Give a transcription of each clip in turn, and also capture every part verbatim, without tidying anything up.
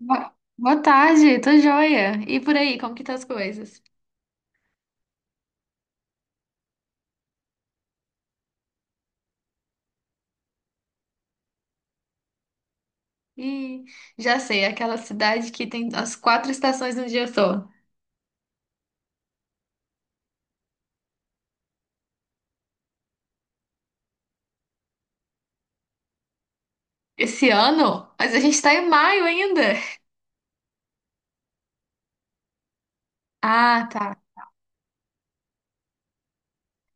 Boa boa tarde, tô joia. E por aí, como que tá as coisas? Ih, já sei, é aquela cidade que tem as quatro estações no dia só. Esse ano? Mas a gente tá em maio ainda. Ah, tá.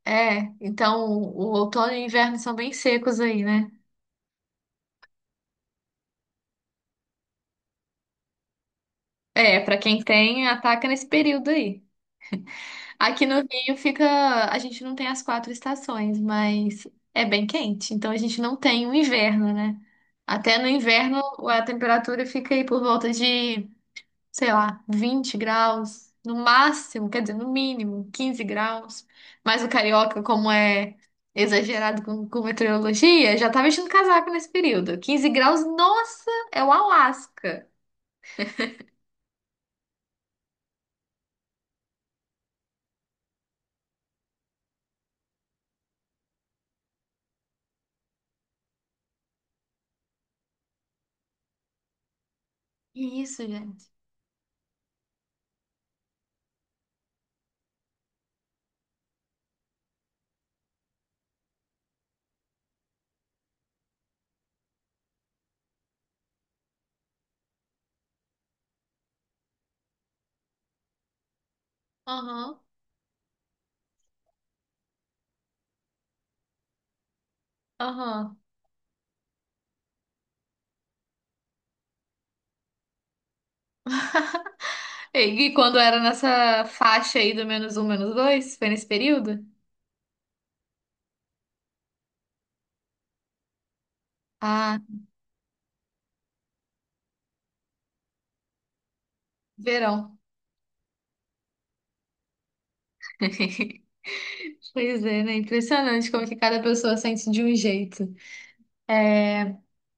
É, então o outono e o inverno são bem secos aí, né? É, pra quem tem, ataca nesse período aí. Aqui no Rio fica. A gente não tem as quatro estações, mas é bem quente. Então a gente não tem o inverno, né? Até no inverno a temperatura fica aí por volta de, sei lá, vinte graus. No máximo, quer dizer, no mínimo, quinze graus. Mas o carioca, como é exagerado com, com meteorologia, já tá vestindo casaco nesse período. Quinze graus, nossa, é o Alasca. Isso, gente? Aham, aham. E quando era nessa faixa aí do menos um, menos dois? Foi nesse período? Ah, verão. Pois é, né? Impressionante como que cada pessoa sente de um jeito.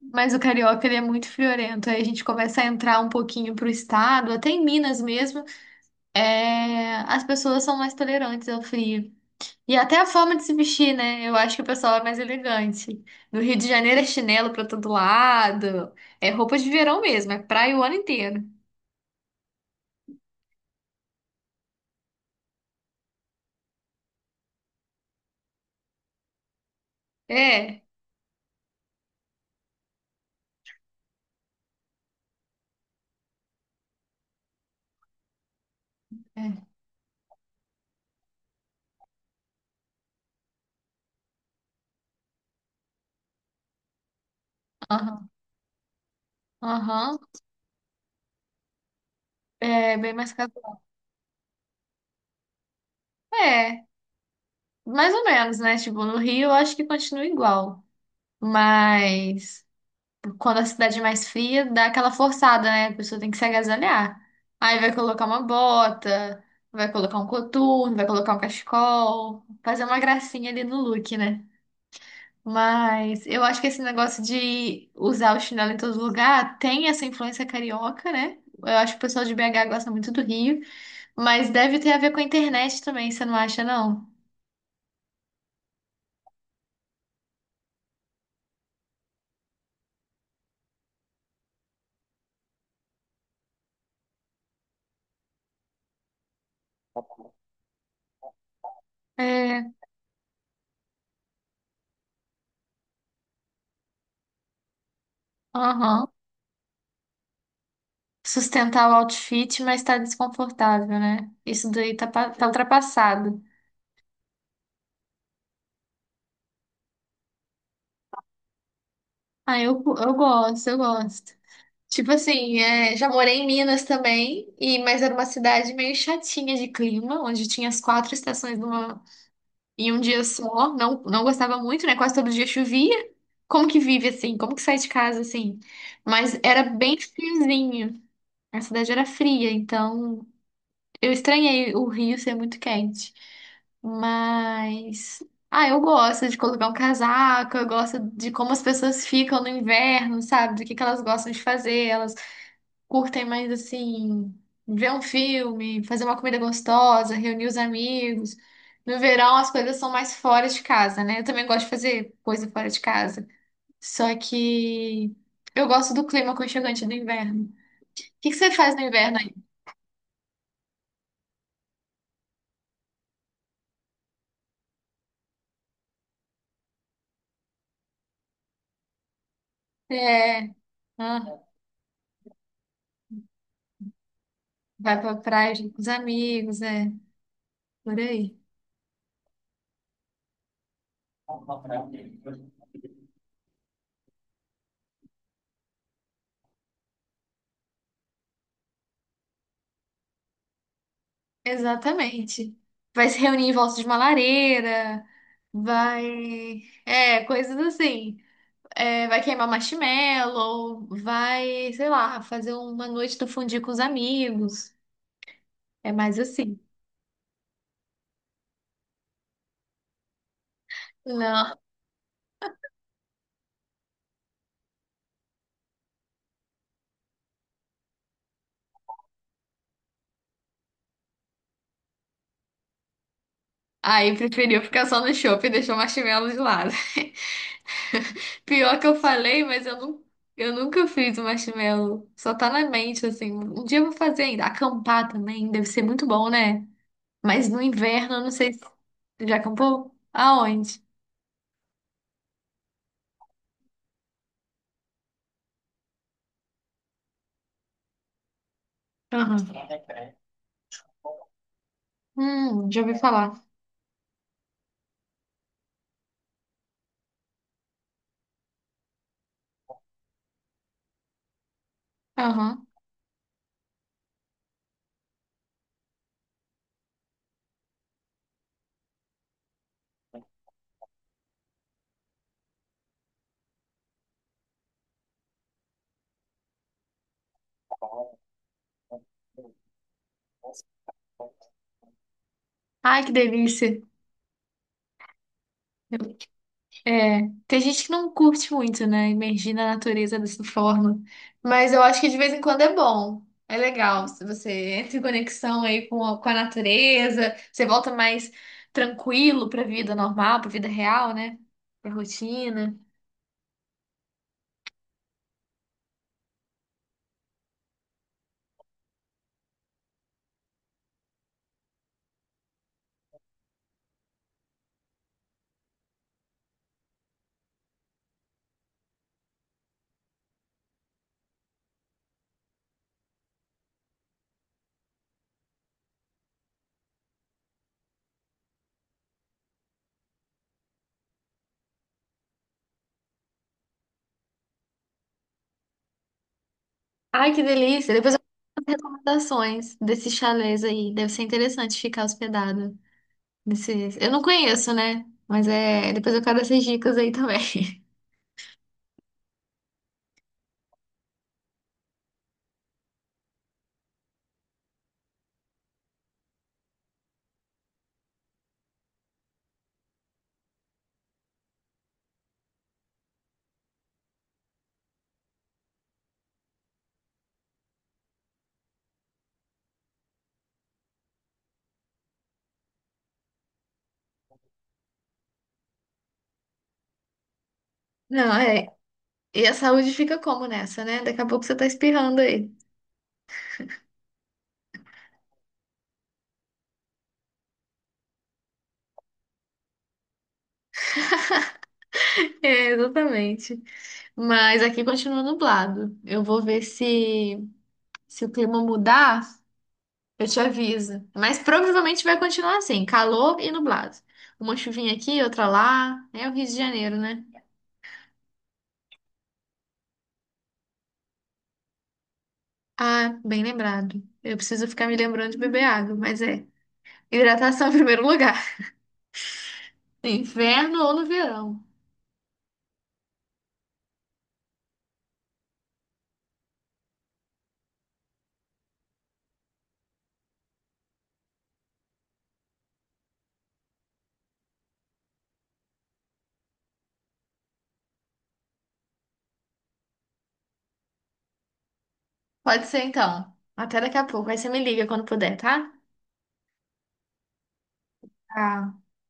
Mas o carioca, ele é muito friorento. Aí a gente começa a entrar um pouquinho pro estado, até em Minas mesmo, é... as pessoas são mais tolerantes ao frio. E até a forma de se vestir, né? Eu acho que o pessoal é mais elegante. No Rio de Janeiro é chinelo pra todo lado, é roupa de verão mesmo, é praia o ano inteiro. É. É. Aham. Aham, é bem mais caro. É, mais ou menos, né? Tipo, no Rio eu acho que continua igual. Mas quando a cidade é mais fria, dá aquela forçada, né? A pessoa tem que se agasalhar. Aí vai colocar uma bota, vai colocar um coturno, vai colocar um cachecol, fazer uma gracinha ali no look, né? Mas eu acho que esse negócio de usar o chinelo em todo lugar tem essa influência carioca, né? Eu acho que o pessoal de B H gosta muito do Rio. Mas deve ter a ver com a internet também, você não acha, não? É, aham. Sustentar o outfit, mas tá desconfortável, né? Isso daí tá, pa- tá ultrapassado. Ah, eu, eu gosto, eu gosto. Tipo assim, é, já morei em Minas também, e mas era uma cidade meio chatinha de clima, onde tinha as quatro estações numa, em um dia só. Não, não gostava muito, né? Quase todo dia chovia. Como que vive assim? Como que sai de casa assim? Mas era bem friozinho. A cidade era fria, então. Eu estranhei o Rio ser muito quente, mas ah, eu gosto de colocar um casaco, eu gosto de como as pessoas ficam no inverno, sabe? Do que que elas gostam de fazer, elas curtem mais assim, ver um filme, fazer uma comida gostosa, reunir os amigos. No verão as coisas são mais fora de casa, né? Eu também gosto de fazer coisa fora de casa. Só que eu gosto do clima aconchegante do inverno. O que que você faz no inverno aí? É. Vai pra praia junto com os amigos, é. Por aí. Exatamente. Vai se reunir em volta de uma lareira, vai. É, coisas assim. É, vai queimar marshmallow, vai, sei lá, fazer uma noite do fundir com os amigos. É mais assim. Não. Aí preferiu ficar só no shopping e deixou o marshmallow de lado. Pior que eu falei, mas eu não, eu nunca fiz o marshmallow. Só tá na mente, assim. Um dia eu vou fazer ainda. Acampar também deve ser muito bom, né? Mas no inverno, eu não sei se. Já acampou? Aonde? Aham. Hum, já ouvi falar. Aham. Ai, que delícia. Eu- é, tem gente que não curte muito, né? Imergir na natureza dessa forma. Mas eu acho que de vez em quando é bom. É legal. Se você entra em conexão aí com a, com a natureza, você volta mais tranquilo pra vida normal, pra vida real, né? Pra rotina. Ai, que delícia. Depois eu vou fazer as recomendações desses chalés aí. Deve ser interessante ficar hospedado. Desses... Eu não conheço, né? Mas é. Depois eu quero essas dicas aí também. Não, é. E a saúde fica como nessa, né? Daqui a pouco você tá espirrando aí. É, exatamente. Mas aqui continua nublado. Eu vou ver se se o clima mudar, eu te aviso. Mas provavelmente vai continuar assim, calor e nublado. Uma chuvinha aqui, outra lá. É o Rio de Janeiro, né? Ah, bem lembrado. Eu preciso ficar me lembrando de beber água, mas é. Hidratação em primeiro lugar. Inverno ou no verão. Pode ser então. Até daqui a pouco. Aí você me liga quando puder, tá? Tá.